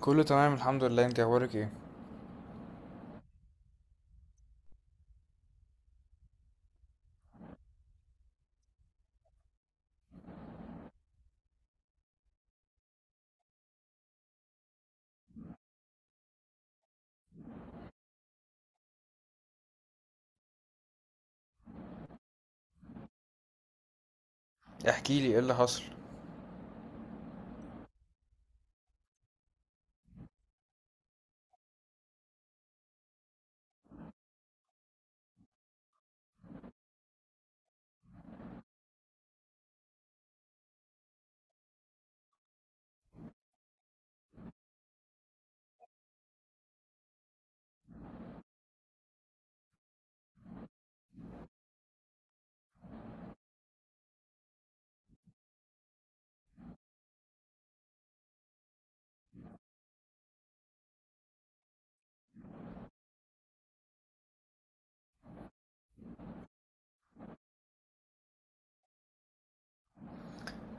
كله تمام، الحمد لله. انت اخبارك ايه؟ احكي لي، ايه اللي حصل؟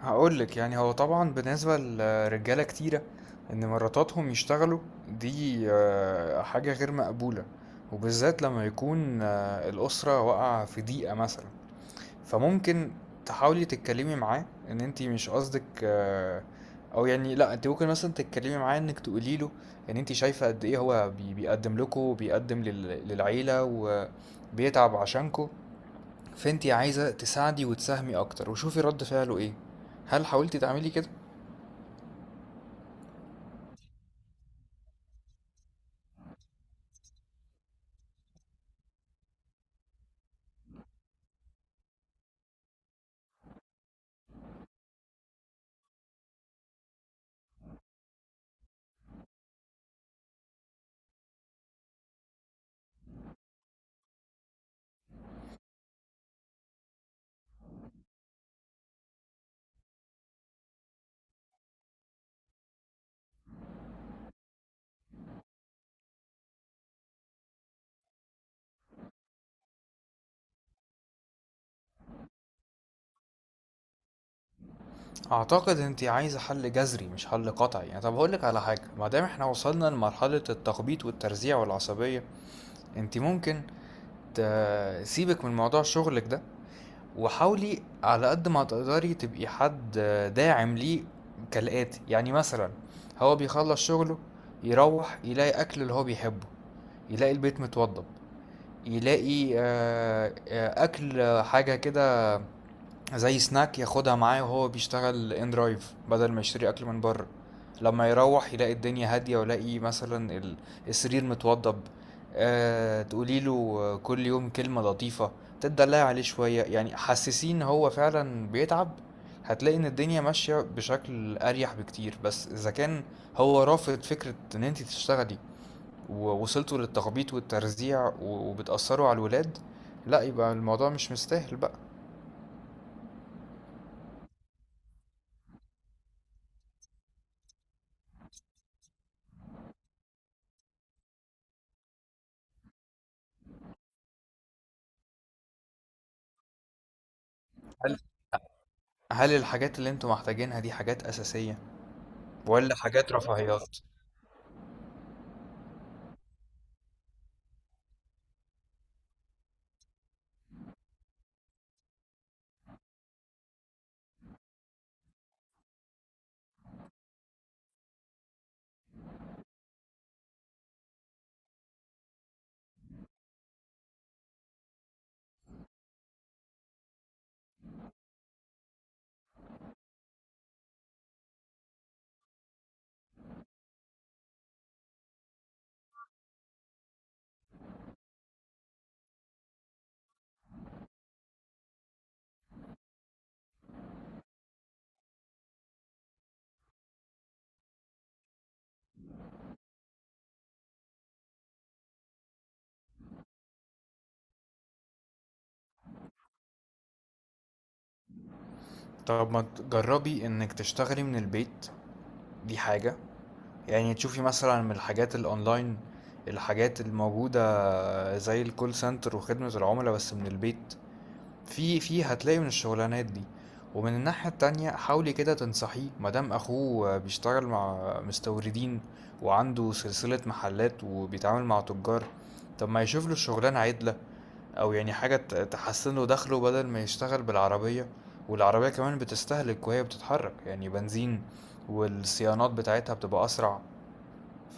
هقول لك، يعني هو طبعا بالنسبه لرجاله كتيره ان مراتاتهم يشتغلوا دي حاجه غير مقبوله. وبالذات لما يكون الاسره واقعه في ضيقه مثلا. فممكن تحاولي تتكلمي معاه ان انت مش قصدك او يعني لا، انت ممكن مثلا تتكلمي معاه انك تقولي له ان انت شايفه قد ايه هو بيقدم لكم، بيقدم للعيله وبيتعب عشانكم. فانتي عايزة تساعدي وتساهمي اكتر، وشوفي رد فعله ايه. هل حاولتي تعملي كده؟ اعتقد انتي عايزة حل جذري مش حل قطعي. يعني طب هقولك على حاجة، ما دام احنا وصلنا لمرحلة التخبيط والترزيع والعصبية، انتي ممكن تسيبك من موضوع شغلك ده، وحاولي على قد ما تقدري تبقي حد داعم ليه، كالآتي. يعني مثلا هو بيخلص شغله، يروح يلاقي اكل اللي هو بيحبه، يلاقي البيت متوضب، يلاقي اكل، حاجه كده زي سناك ياخدها معاه وهو بيشتغل ان درايف، بدل ما يشتري اكل من بره. لما يروح يلاقي الدنيا هاديه، ويلاقي مثلا السرير متوضب. أه، تقولي له كل يوم كلمه لطيفه، تدلعي عليه شويه، يعني حسسين ان هو فعلا بيتعب. هتلاقي ان الدنيا ماشيه بشكل اريح بكتير. بس اذا كان هو رافض فكره ان انت تشتغلي، ووصلتوا للتخبيط والترزيع وبتأثروا على الولاد، لا، يبقى الموضوع مش مستاهل بقى. هل هل الحاجات اللي انتوا محتاجينها دي حاجات أساسية، ولا حاجات رفاهيات؟ طب ما تجربي انك تشتغلي من البيت، دي حاجة. يعني تشوفي مثلا من الحاجات الاونلاين، الحاجات الموجودة زي الكول سنتر وخدمة العملاء بس من البيت. في هتلاقي من الشغلانات دي. ومن الناحية التانية، حاولي كده تنصحيه، مادام أخوه بيشتغل مع مستوردين وعنده سلسلة محلات وبيتعامل مع تجار، طب ما يشوف له شغلانة عدلة، أو يعني حاجة تحسن له دخله، بدل ما يشتغل بالعربية. والعربية كمان بتستهلك وهي بتتحرك، يعني بنزين، والصيانات بتاعتها بتبقى أسرع.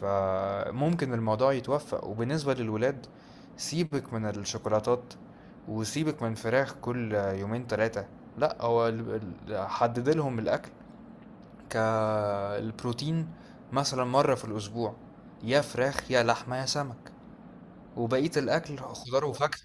فممكن الموضوع يتوفق. وبالنسبة للولاد، سيبك من الشوكولاتات، وسيبك من فراخ كل يومين ثلاثة. لا، هو حدد لهم الأكل، كالبروتين مثلا مرة في الأسبوع، يا فراخ يا لحمة يا سمك، وبقية الأكل خضار وفاكهة.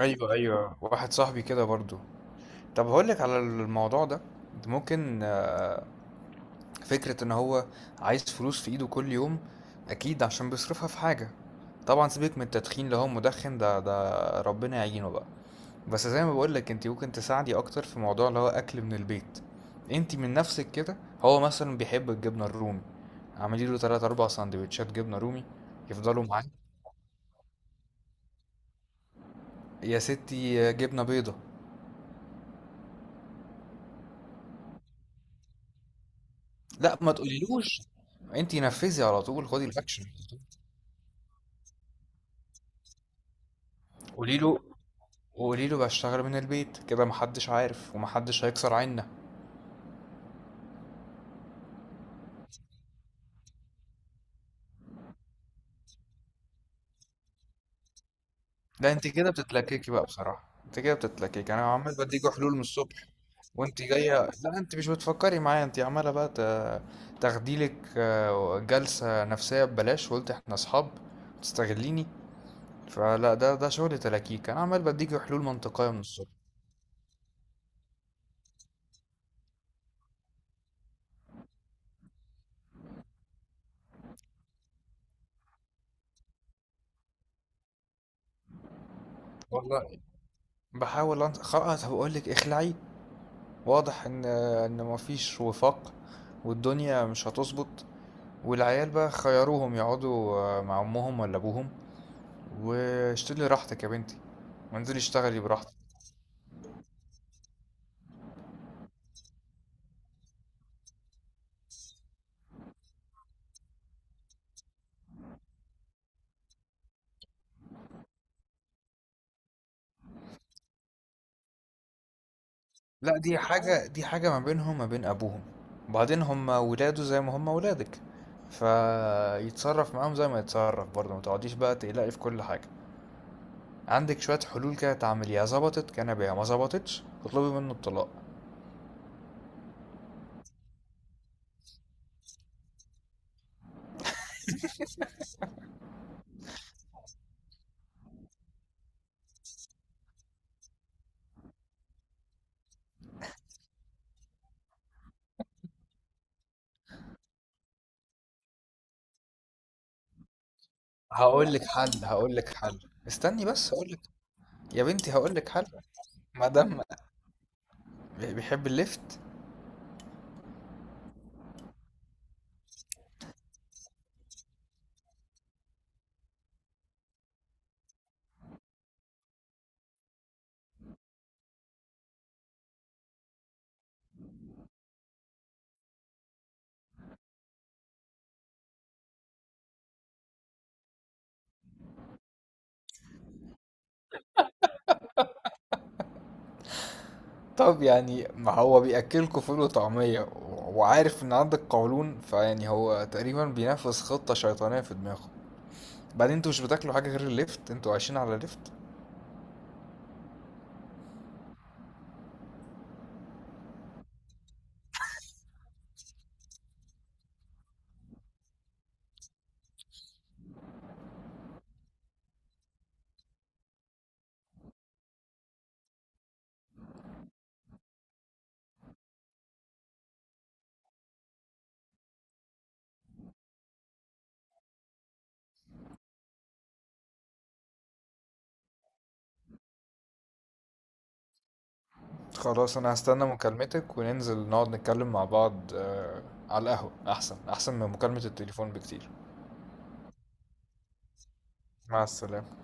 أيوة أيوة، واحد صاحبي كده برضو. طب هقولك على الموضوع ده، ممكن. فكرة إن هو عايز فلوس في إيده كل يوم، أكيد عشان بيصرفها في حاجة. طبعا سيبك من التدخين، لو هو مدخن ده ربنا يعينه بقى. بس زي ما بقولك، انت ممكن تساعدي أكتر في موضوع اللي هو أكل من البيت. انت من نفسك كده، هو مثلا بيحب الجبنة الرومي، اعملي له تلات أربع سندوتشات جبنة رومي يفضلوا معاه. يا ستي جبنة بيضة. لا، ما تقوليلوش، انت نفذي على طول، خدي الأكشن. قولي له، وقولي له بشتغل من البيت كده، محدش عارف ومحدش هيكسر عنا. لا، انت كده بتتلككي بقى بصراحة، انت كده بتتلككي. انا عمال بديكوا حلول من الصبح وانت جاية. لا، انت مش بتفكري معايا، انت عمالة بقى تاخديلك جلسة نفسية ببلاش، وقلت احنا اصحاب تستغليني. فلا، ده شغل تلاكيك. انا عمال بديكي حلول منطقية من الصبح. والله بحاول خلاص، هقول لك اخلعي. واضح ان مفيش وفاق، والدنيا مش هتظبط. والعيال بقى خيروهم يقعدوا مع امهم ولا ابوهم. واشتغلي راحتك يا بنتي، وانزلي اشتغلي براحتك. لا، دي حاجة، دي حاجة ما بينهم وما بين أبوهم. وبعدين هم ولاده زي ما هم ولادك، فيتصرف معاهم زي ما يتصرف برضه. ما تقعديش بقى تقلقي في كل حاجة. عندك شوية حلول كده تعمليها، ظبطت كان بيها، ما ظبطتش اطلبي منه الطلاق. هقول لك حل، هقول لك حل. استني بس هقول لك، يا بنتي هقول لك حل. ما دام بيحب الليفت. طب يعني ما هو بياكلكوا فول وطعميه وعارف ان عندك قولون، فيعني هو تقريبا بينفذ خطه شيطانيه في دماغه. بعدين انتوا مش بتاكلوا حاجه غير الليفت، انتوا عايشين على الليفت. خلاص، انا هستنى مكالمتك، وننزل نقعد نتكلم مع بعض على القهوه، احسن احسن من مكالمه التليفون بكتير. مع السلامه.